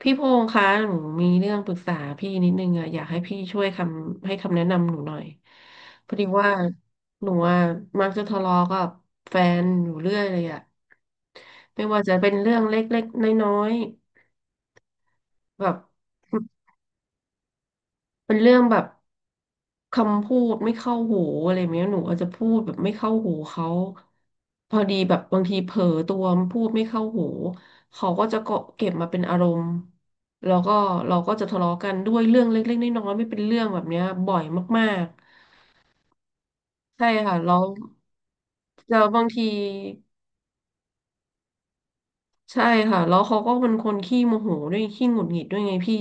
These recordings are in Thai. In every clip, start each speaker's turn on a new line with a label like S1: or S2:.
S1: พี่พงษ์คะหนูมีเรื่องปรึกษาพี่นิดนึงอะอยากให้พี่ช่วยคำให้คำแนะนำหนูหน่อยพอดีว่าหนูอะมักจะทะเลาะกับแฟนอยู่เรื่อยเลยอะไม่ว่าจะเป็นเรื่องเล็กๆน้อยๆแบบ เป็นเรื่องแบบคำพูดไม่เข้าหูอะไรแบบเนี้ยหนูอาจจะพูดแบบไม่เข้าหูเขาพอดีแบบบางทีเผลอตัวพูดไม่เข้าหูเขาก็จะเก็บมาเป็นอารมณ์แล้วก็เราก็จะทะเลาะกันด้วยเรื่องเล็กๆน้อยๆไม่เป็นเรื่องแบบเนี้ยบ่อยมากๆใช่ค่ะแล้วแล้วบางทีใช่ค่ะแล้วเขาก็เป็นคนขี้โมโหด้วยขี้หงุดหงิดด้วยไงพี่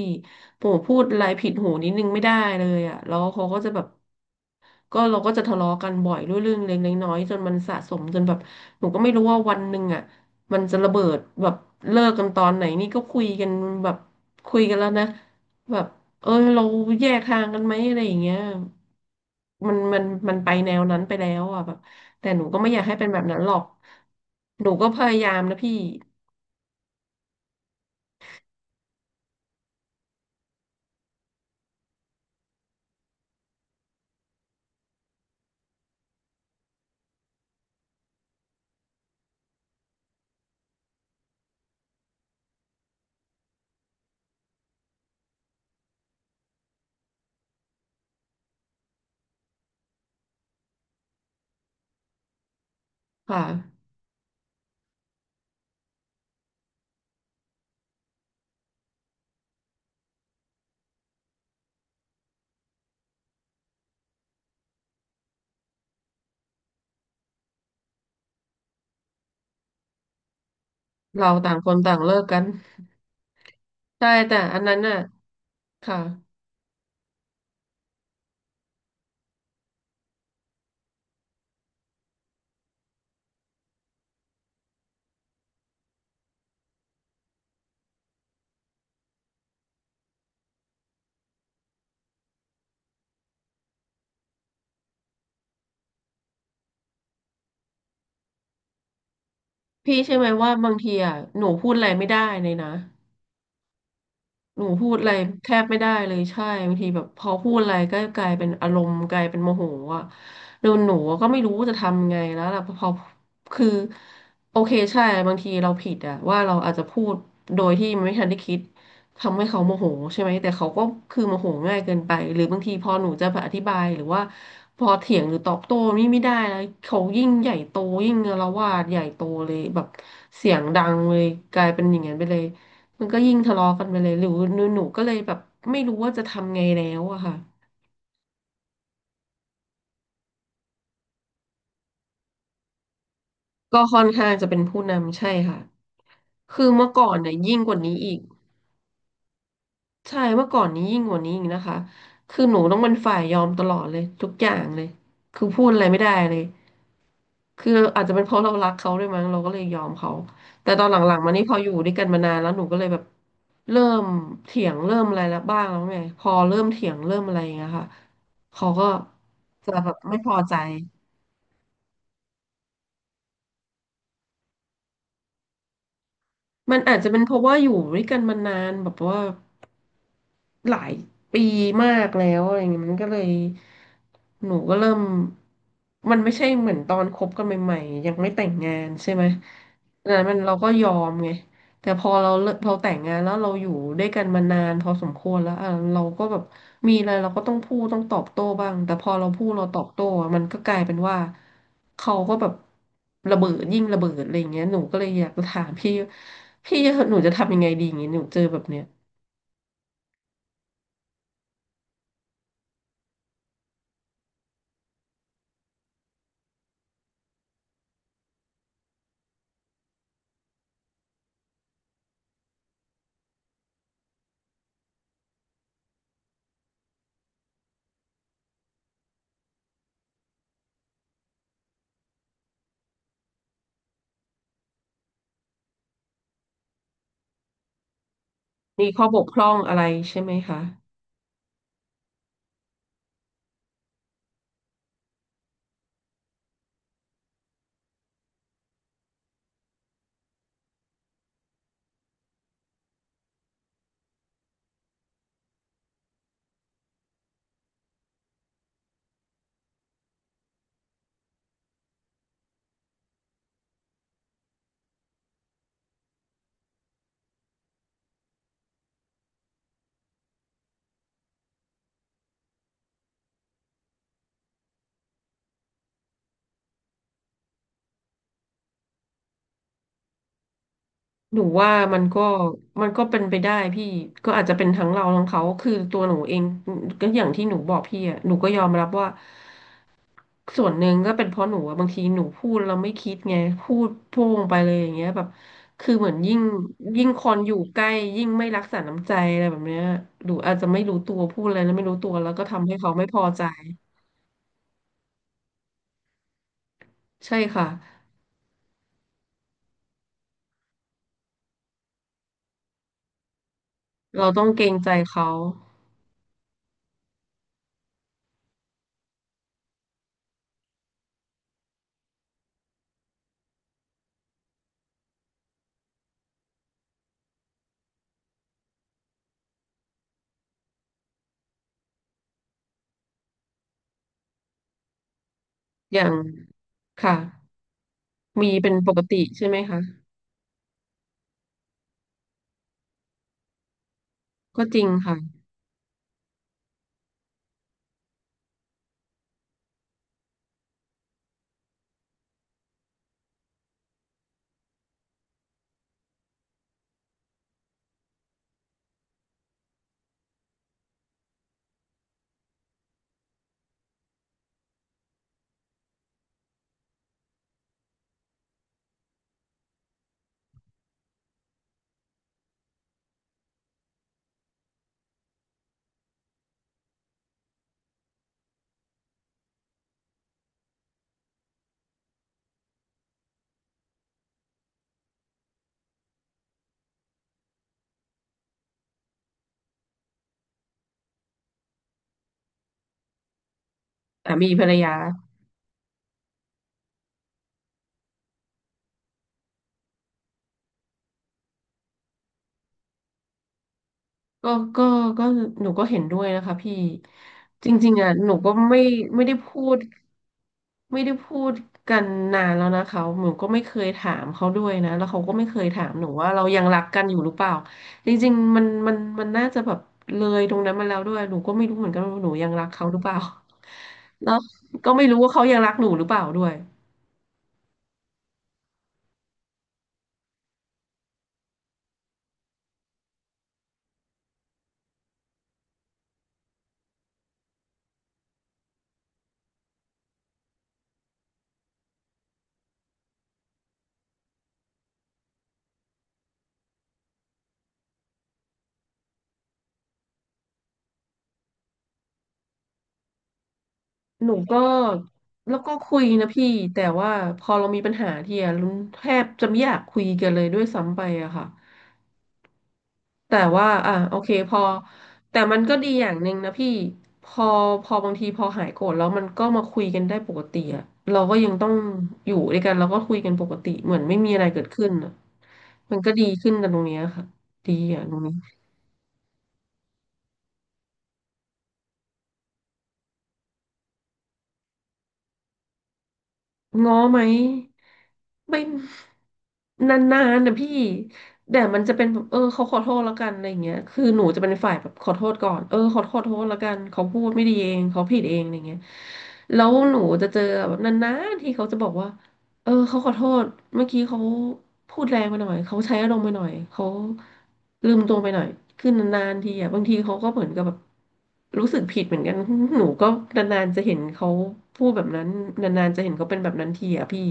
S1: ผมพูดอะไรผิดหูนิดนึงไม่ได้เลยอ่ะแล้วเขาก็จะแบบ ก็เราก็จะทะเลาะกันบ่อยด้วยเรื่องเล็กๆน้อยๆจนมันสะสมจนแบบหนูก็ไม่รู้ว่าวันหนึ่งอ่ะมันจะระเบิดแบบเลิกกันตอนไหนนี่ก็คุยกันแบบคุยกันแล้วนะแบบเออเราแยกทางกันไหมอะไรอย่างเงี้ยมันมันไปแนวนั้นไปแล้วอ่ะแบบแต่หนูก็ไม่อยากให้เป็นแบบนั้นหรอกหนูก็พยายามนะพี่ค่ะเราต่างคนต่างเลิกกันใช่แต่อันนั้นน่ะค่ะพี่ใช่อไหมว่าบางทีอ่ะหนูพูดอะไรไม่ได้เลยนะ หนูพูดอะไรแทบไม่ได้เลยใช่บางทีแบบพอพูดอะไรก็กลายเป็นอารมณ์กลายเป็นโมโหอ่ะแล้วหนูก็ไม่รู้จะทำไงแล้วล่ะพอคือโอเคใช่บางทีเราผิดอะว่าเราอาจจะพูดโดยที่นไม่ทันได้คิดทำให้เขาโมโหใช่ไหมแต่เขาก็คือโมโหง่ายเกินไปหรือบางทีพอหนูจะอธิบายหรือว่าพอเถียงหรือตอบโต้นี่ไม่ได้แล้วเขายิ่งใหญ่โตยิ่งอาละวาดใหญ่โตเลยแบบเสียงดังเลยกลายเป็นอย่างนั้นไปเลย มันก็ยิ่งทะเลาะกันไปเลยหรือหนูก็เลยแบบไม่รู้ว่าจะทำไงแล้วอะค่ะก็ค่อนข้างจะเป็นผู้นำใช่ค่ะคือเมื่อก่อนเนี่ยยิ่งกว่านี้อีกใช่เมื่อก่อนนี้ยิ่งกว่านี้อีกนะคะคือหนูต้องเป็นฝ่ายยอมตลอดเลยทุกอย่างเลยคือพูดอะไรไม่ได้เลยคืออาจจะเป็นเพราะเรารักเขาด้วยมั้งเราก็เลยยอมเขา แต่ตอนหลังๆมานี่พออยู่ด้วยกันมานานแล้วหนูก็เลยแบบเริ่มเถียงเริ่มอะไรแล้วบ้างแล้วไงพอเริ่มเถียงเริ่มอะไรอย่างเงี้ยค่ะเขาก็จะแบบไม่พอใจ มันอาจจะเป็นเพราะว่าอยู่ด้วยกันมานานแบบว่า หลายปีมากแล้วอะไรเงี้ยมันก็เลยหนูก็เริ่มมันไม่ใช่เหมือนตอนคบกันใหม่ๆยังไม่แต่งงานใช่ไหมดังนั้นมันเราก็ยอมไงแต่พอเราเลิกเราแต่งงานแล้วเราอยู่ด้วยกันมานานพอสมควรแล้วอ่ะเราก็แบบมีอะไรเราก็ต้องพูดต้องตอบโต้บ้างแต่พอเราพูดเราตอบโต้อ่ะมันก็กลายเป็นว่าเขาก็แบบระเบิดยิ่งระเบิดอะไรอย่างเงี้ยหนูก็เลยอยากจะถามพี่พี่หนูจะทำยังไงดีอย่างเงี้ยหนูเจอแบบเนี้ย มีข้อบกพร่องอะไรใช่ไหมคะหนูว่ามันก็เป็นไปได้พี่ก็อาจจะเป็นทั้งเราทั้งเขาคือตัวหนูเองก็อย่างที่หนูบอกพี่อ่ะหนูก็ยอมรับว่าส่วนหนึ่งก็เป็นเพราะหนูอะบางทีหนูพูดเราไม่คิดไงพูดโพ่งไปเลยอย่างเงี้ยแบบคือเหมือนยิ่งยิ่งคนอยู่ใกล้ยิ่งไม่รักษาน้ำใจอะไรแบบเนี้ยหนูอาจจะไม่รู้ตัวพูดอะไรแล้วไม่รู้ตัวแล้วก็ทำให้เขาไม่พอใจใช่ค่ะเราต้องเกรงใจเขาอย่างค่ะ มีเป็นปกติใช่ไหมคะก็จริงค่ะอ่ะมีภรรยาก็ก็ก็หนูก็เห็นด้วยนะคะพี่จริงๆอ่ะหนูก็ไม่ไม่ได้พูดไม่ได้พูดกันนานแล้วนะคะหนูก็ไม่เคยถามเขาด้วยนะแล้วเขาก็ไม่เคยถามหนูว่าเรายังรักกันอยู่หรือเปล่าจริงๆมันน่าจะแบบเลยตรงนั้นมาแล้วด้วยหนูก็ไม่รู้เหมือนกันว่าหนูยังรักเขาหรือเปล่า แล้วก็ไม่รู้ว่าเขายังรักหนูหรือเปล่าด้วย หนูก็แล้วก็คุยนะพี่แต่ว่าพอเรามีปัญหาทีอะลุงแทบจะไม่อยากคุยกันเลยด้วยซ้ำไปอะค่ะแต่ว่าอ่ะโอเคแต่มันก็ดีอย่างหนึ่งนะพี่พอพอบางทีพอหายโกรธแล้วมันก็มาคุยกันได้ปกติอะเราก็ยังต้องอยู่ด้วยกันเราก็คุยกันปกติเหมือนไม่มีอะไรเกิดขึ้นอะมันก็ดีขึ้นกันตรงเนี้ยค่ะดีอะตรงนี้ ง้อไหมไม่นานๆนะพี่แต่มันจะเป็นแบบเออเขาขอโทษแล้วกันอะไรอย่างเงี้ยคือหนูจะเป็นฝ่ายแบบขอโทษก่อนเออขอโทษแล้วกันเขาพูดไม่ดีเองเขาผิดเองอะไรเงี้ยแล้วหนูจะเจอแบบนานๆที่เขาจะบอกว่า เออเขาขอโทษเมื่อกี้เขาพูดแรงไปหน่อยเขาใช้อารมณ์ไปหน่อยเขาลืมตัวไปหน่อยคือนานๆทีอ่ะบางทีเขาก็เหมือนกับแบบรู้สึกผิดเหมือนกัน หนูก็นานๆจะเห็นเขาพูดแบบนั้นนานๆจะเห็นเขาเป็นแบบนั้นทีอ่ะพี่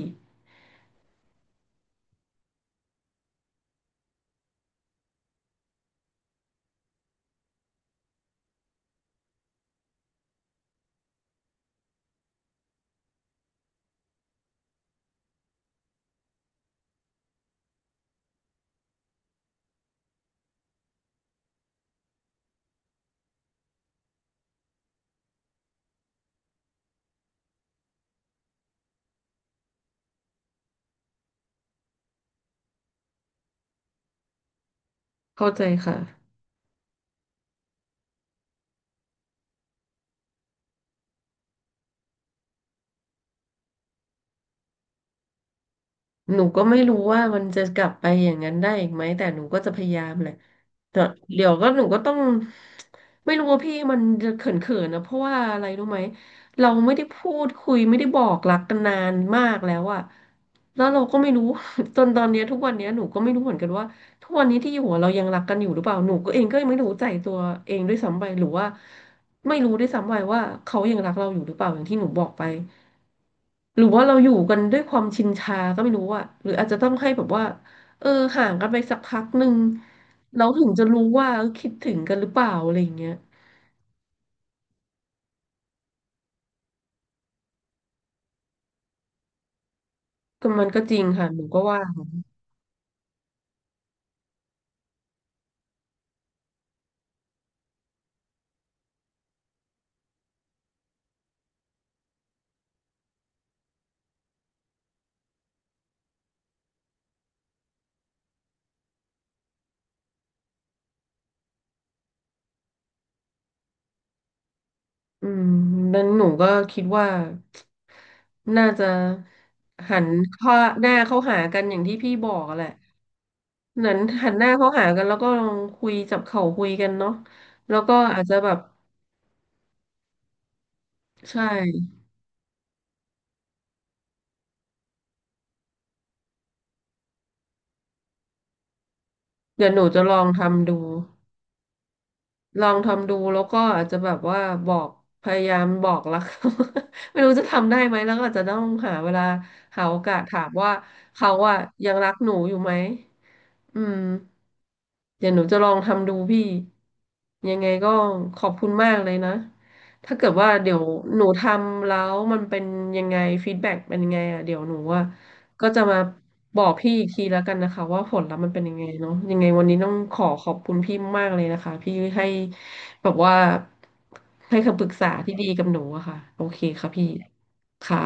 S1: เข้าใจค่ะ หนูก็ไม่รู้ว่ามันจะกลับไปอย่างนั้นได้อีกไหมแต่หนูก็จะพยายามแหละแต่เดี๋ยวก็หนูก็ต้องไม่รู้ว่าพี่มันจะเขินๆนะเพราะว่าอะไรรู้ไหมเราไม่ได้พูดคุยไม่ได้บอกรักกันนานมากแล้วอะแล้วเราก็ไม่รู้ จนตอนเนี้ยทุกวันเนี้ยหนูก็ไม่รู้เหมือนกันว่าทุกวันนี้ที่อยู่อะเรายังรักกันอยู่หรือเปล่าหนูก็เองก็ยังไม่รู้ใจตัวเองด้วยซ้ำไปหรือว่าไม่รู้ด้วยซ้ำไปว่าเขายังรักเราอยู่หรือเปล่าอย่างที่หนูบอกไป หรือว่าเราอยู่กันด้วยความชินชาก็ไม่รู้อะหรืออาจจะต้องให้แบบว่าเออห่างกันไปสักพักหนึ่งเราถึงจะรู้ว่าเออคิดถึงกันหรือเปล่าอะไรอย่างเงี้ยก็มันก็จริงค่ะหนูก็ว่าอืมนั้นหนูก็คิดว่าน่าจะหันเข้าหน้าเข้าหากันอย่างที่พี่บอกอะแหละนั้นหันหน้าเข้าหากันแล้วก็ลองคุยจับเข่าคุยกันเนาะแล้วก็อาจจะแบบใช่เดี๋ยวหนูจะลองทำดู ลองทำดูแล้วก็อาจจะแบบว่าบอกพยายามบอกรัก ไม่รู้จะทำได้ไหมแล้วก็อาจจะต้องหาเวลาหาโอกาสถามว่าเขาอะยังรักหนูอยู่ไหมอืม เดี๋ยวหนูจะลองทำดูพี่ยังไงก็ขอบคุณมากเลยนะถ้าเกิดว่าเดี๋ยวหนูทำแล้วมันเป็นยังไงฟีดแบ็กเป็นยังไงอ่ะเดี๋ยวหนูว่าก็จะมาบอกพี่อีกทีแล้วกันนะคะว่าผลลัพธ์มันเป็นยังไงเนาะยังไงวันนี้ต้องขอขอบคุณพี่มากเลยนะคะพี่ให้แบบว่าให้คำปรึกษาที่ดีกับหนูอะค่ะโอเคค่ะพี่ค่ะ